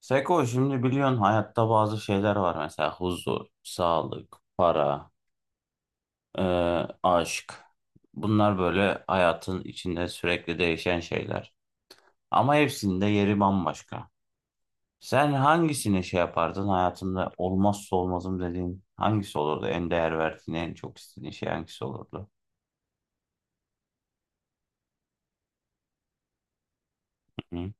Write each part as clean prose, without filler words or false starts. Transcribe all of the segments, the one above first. Seko, şimdi biliyorsun hayatta bazı şeyler var, mesela huzur, sağlık, para, e, aşk. Bunlar böyle hayatın içinde sürekli değişen şeyler. Ama hepsinin de yeri bambaşka. Sen hangisini şey yapardın, hayatında olmazsa olmazım dediğin hangisi olurdu? En değer verdiğin, en çok istediğin şey hangisi olurdu? Hı hı,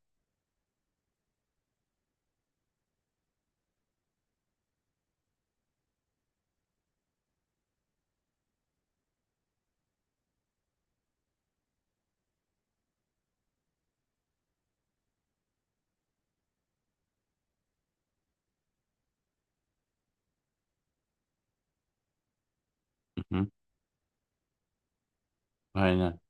hı hı. Aynen.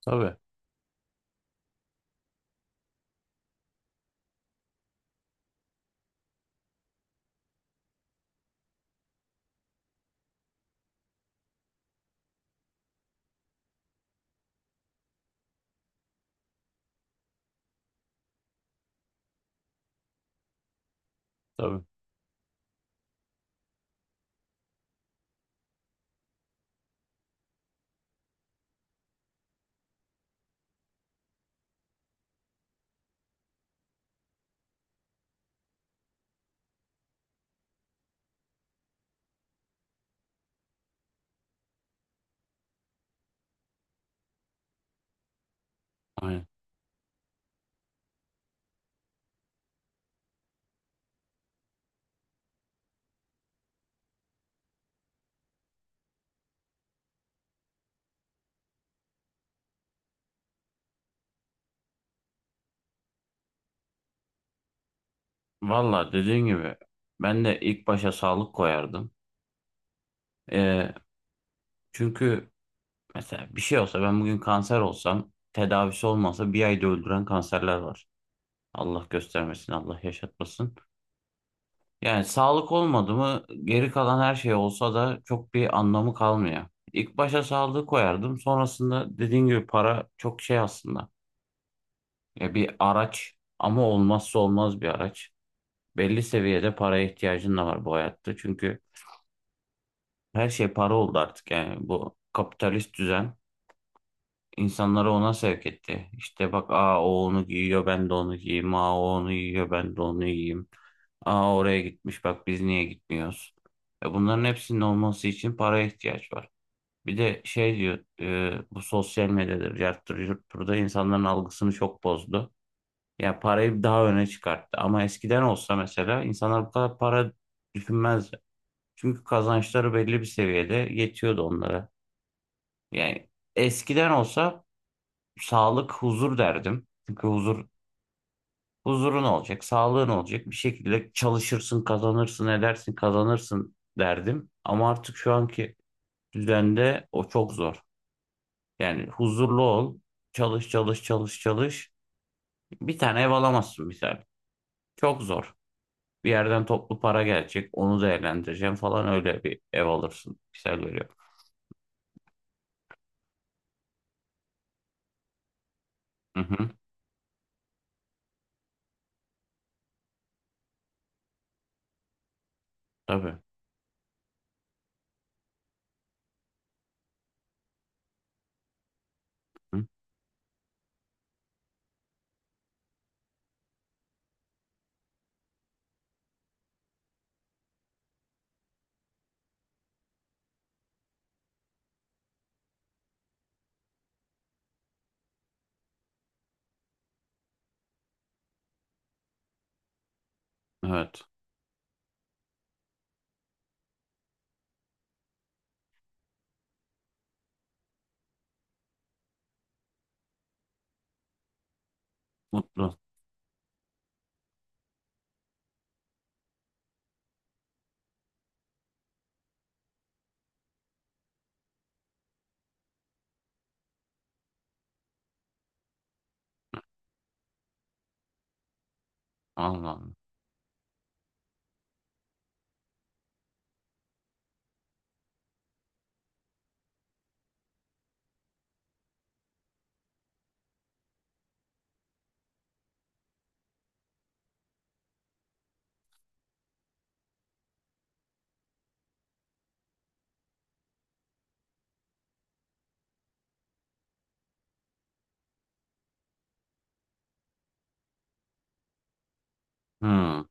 Tabii, tabii. Aynen. Valla dediğin gibi ben de ilk başa sağlık koyardım. E, çünkü mesela bir şey olsa, ben bugün kanser olsam, tedavisi olmasa bir ayda öldüren kanserler var. Allah göstermesin, Allah yaşatmasın. Yani sağlık olmadı mı geri kalan her şey olsa da çok bir anlamı kalmıyor. İlk başa sağlığı koyardım. Sonrasında dediğin gibi para çok şey aslında. Ya bir araç, ama olmazsa olmaz bir araç. Belli seviyede paraya ihtiyacın da var bu hayatta. Çünkü her şey para oldu artık, yani bu kapitalist düzen. İnsanları ona sevk etti. İşte bak, aa o onu giyiyor ben de onu giyeyim. Aa o onu giyiyor ben de onu giyeyim. Aa oraya gitmiş, bak biz niye gitmiyoruz? E bunların hepsinin olması için paraya ihtiyaç var. Bir de şey diyor, bu sosyal medyadır, yarttır, yurttur da insanların algısını çok bozdu. Yani parayı daha öne çıkarttı. Ama eskiden olsa mesela insanlar bu kadar para düşünmezdi. Çünkü kazançları belli bir seviyede yetiyordu onlara. Yani eskiden olsa sağlık, huzur derdim. Çünkü huzurun olacak, sağlığın olacak. Bir şekilde çalışırsın, kazanırsın, edersin, kazanırsın derdim. Ama artık şu anki düzende o çok zor. Yani huzurlu ol, çalış, çalış, çalış, çalış. Bir tane ev alamazsın misal. Çok zor. Bir yerden toplu para gelecek, onu değerlendireceğim falan, öyle bir ev alırsın. Misal veriyorum. Hı hı, tabii. Hı, evet. Mutlu. Allah Allah. Hı,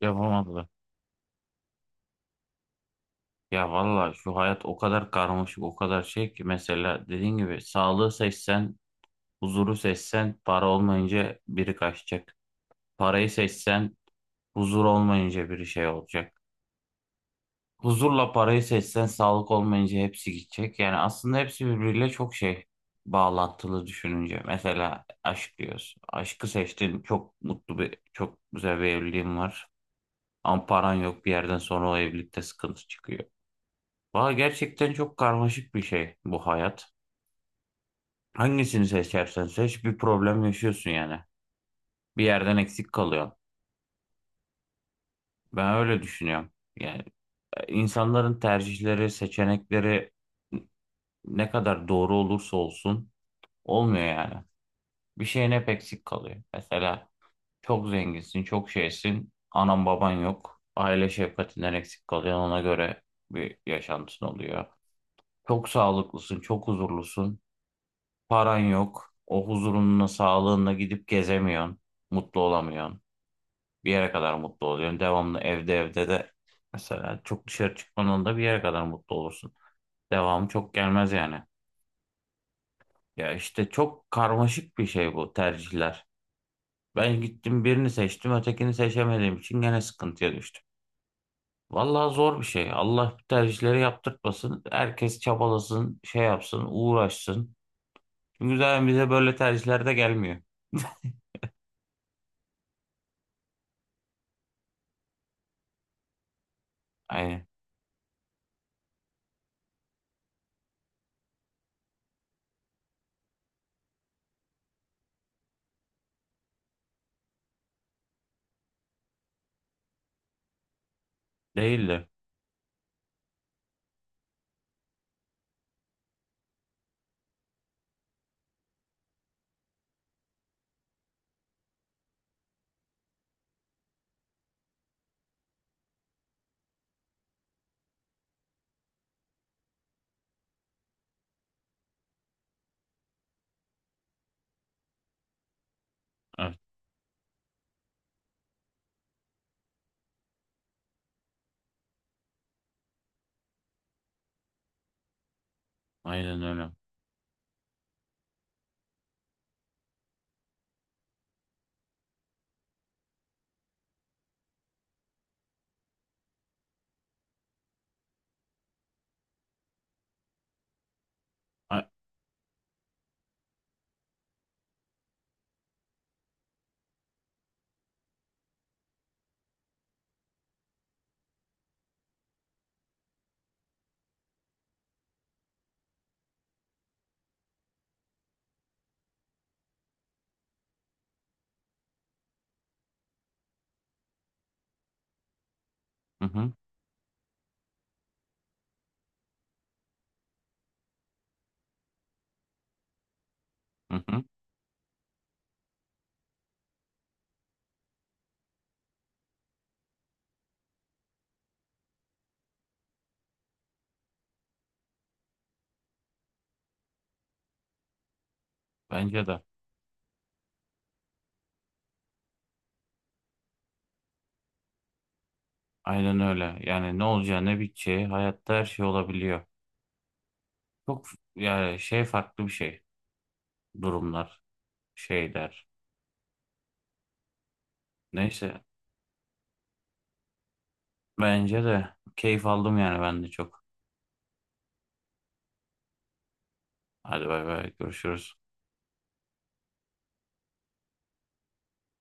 yapamadılar. Ya valla şu hayat o kadar karmaşık, o kadar şey ki, mesela dediğin gibi sağlığı seçsen, huzuru seçsen para olmayınca biri kaçacak. Parayı seçsen huzur olmayınca biri şey olacak. Huzurla parayı seçsen sağlık olmayınca hepsi gidecek. Yani aslında hepsi birbiriyle çok şey, bağlantılı düşününce. Mesela aşk diyoruz. Aşkı seçtin, çok mutlu bir, çok güzel bir evliliğin var. Ama paran yok, bir yerden sonra o evlilikte sıkıntı çıkıyor. Valla gerçekten çok karmaşık bir şey bu hayat. Hangisini seçersen seç bir problem yaşıyorsun yani. Bir yerden eksik kalıyor. Ben öyle düşünüyorum. Yani insanların tercihleri, seçenekleri ne kadar doğru olursa olsun olmuyor yani. Bir şeyin hep eksik kalıyor. Mesela çok zenginsin, çok şeysin, anan baban yok. Aile şefkatinden eksik kalıyor. Ona göre bir yaşantın oluyor. Çok sağlıklısın, çok huzurlusun. Paran yok. O huzurunla, sağlığınla gidip gezemiyorsun. Mutlu olamıyorsun. Bir yere kadar mutlu oluyorsun. Devamlı evde, de mesela çok dışarı çıkmanın da bir yere kadar mutlu olursun. Devamı çok gelmez yani. Ya işte çok karmaşık bir şey bu tercihler. Ben gittim birini seçtim, ötekini seçemediğim için gene sıkıntıya düştüm. Vallahi zor bir şey. Allah bu tercihleri yaptırtmasın. Herkes çabalasın, şey yapsın, uğraşsın. Çünkü zaten bize böyle tercihler de gelmiyor. Aynen. Değil de. Aynen öyle. A- Hı hı, hı hı. Bence de. Aynen öyle. Yani ne olacağı ne biteceği hayatta her şey olabiliyor. Yani şey farklı bir şey. Durumlar, şeyler. Neyse. Bence de keyif aldım yani, ben de çok. Hadi bay bay, görüşürüz.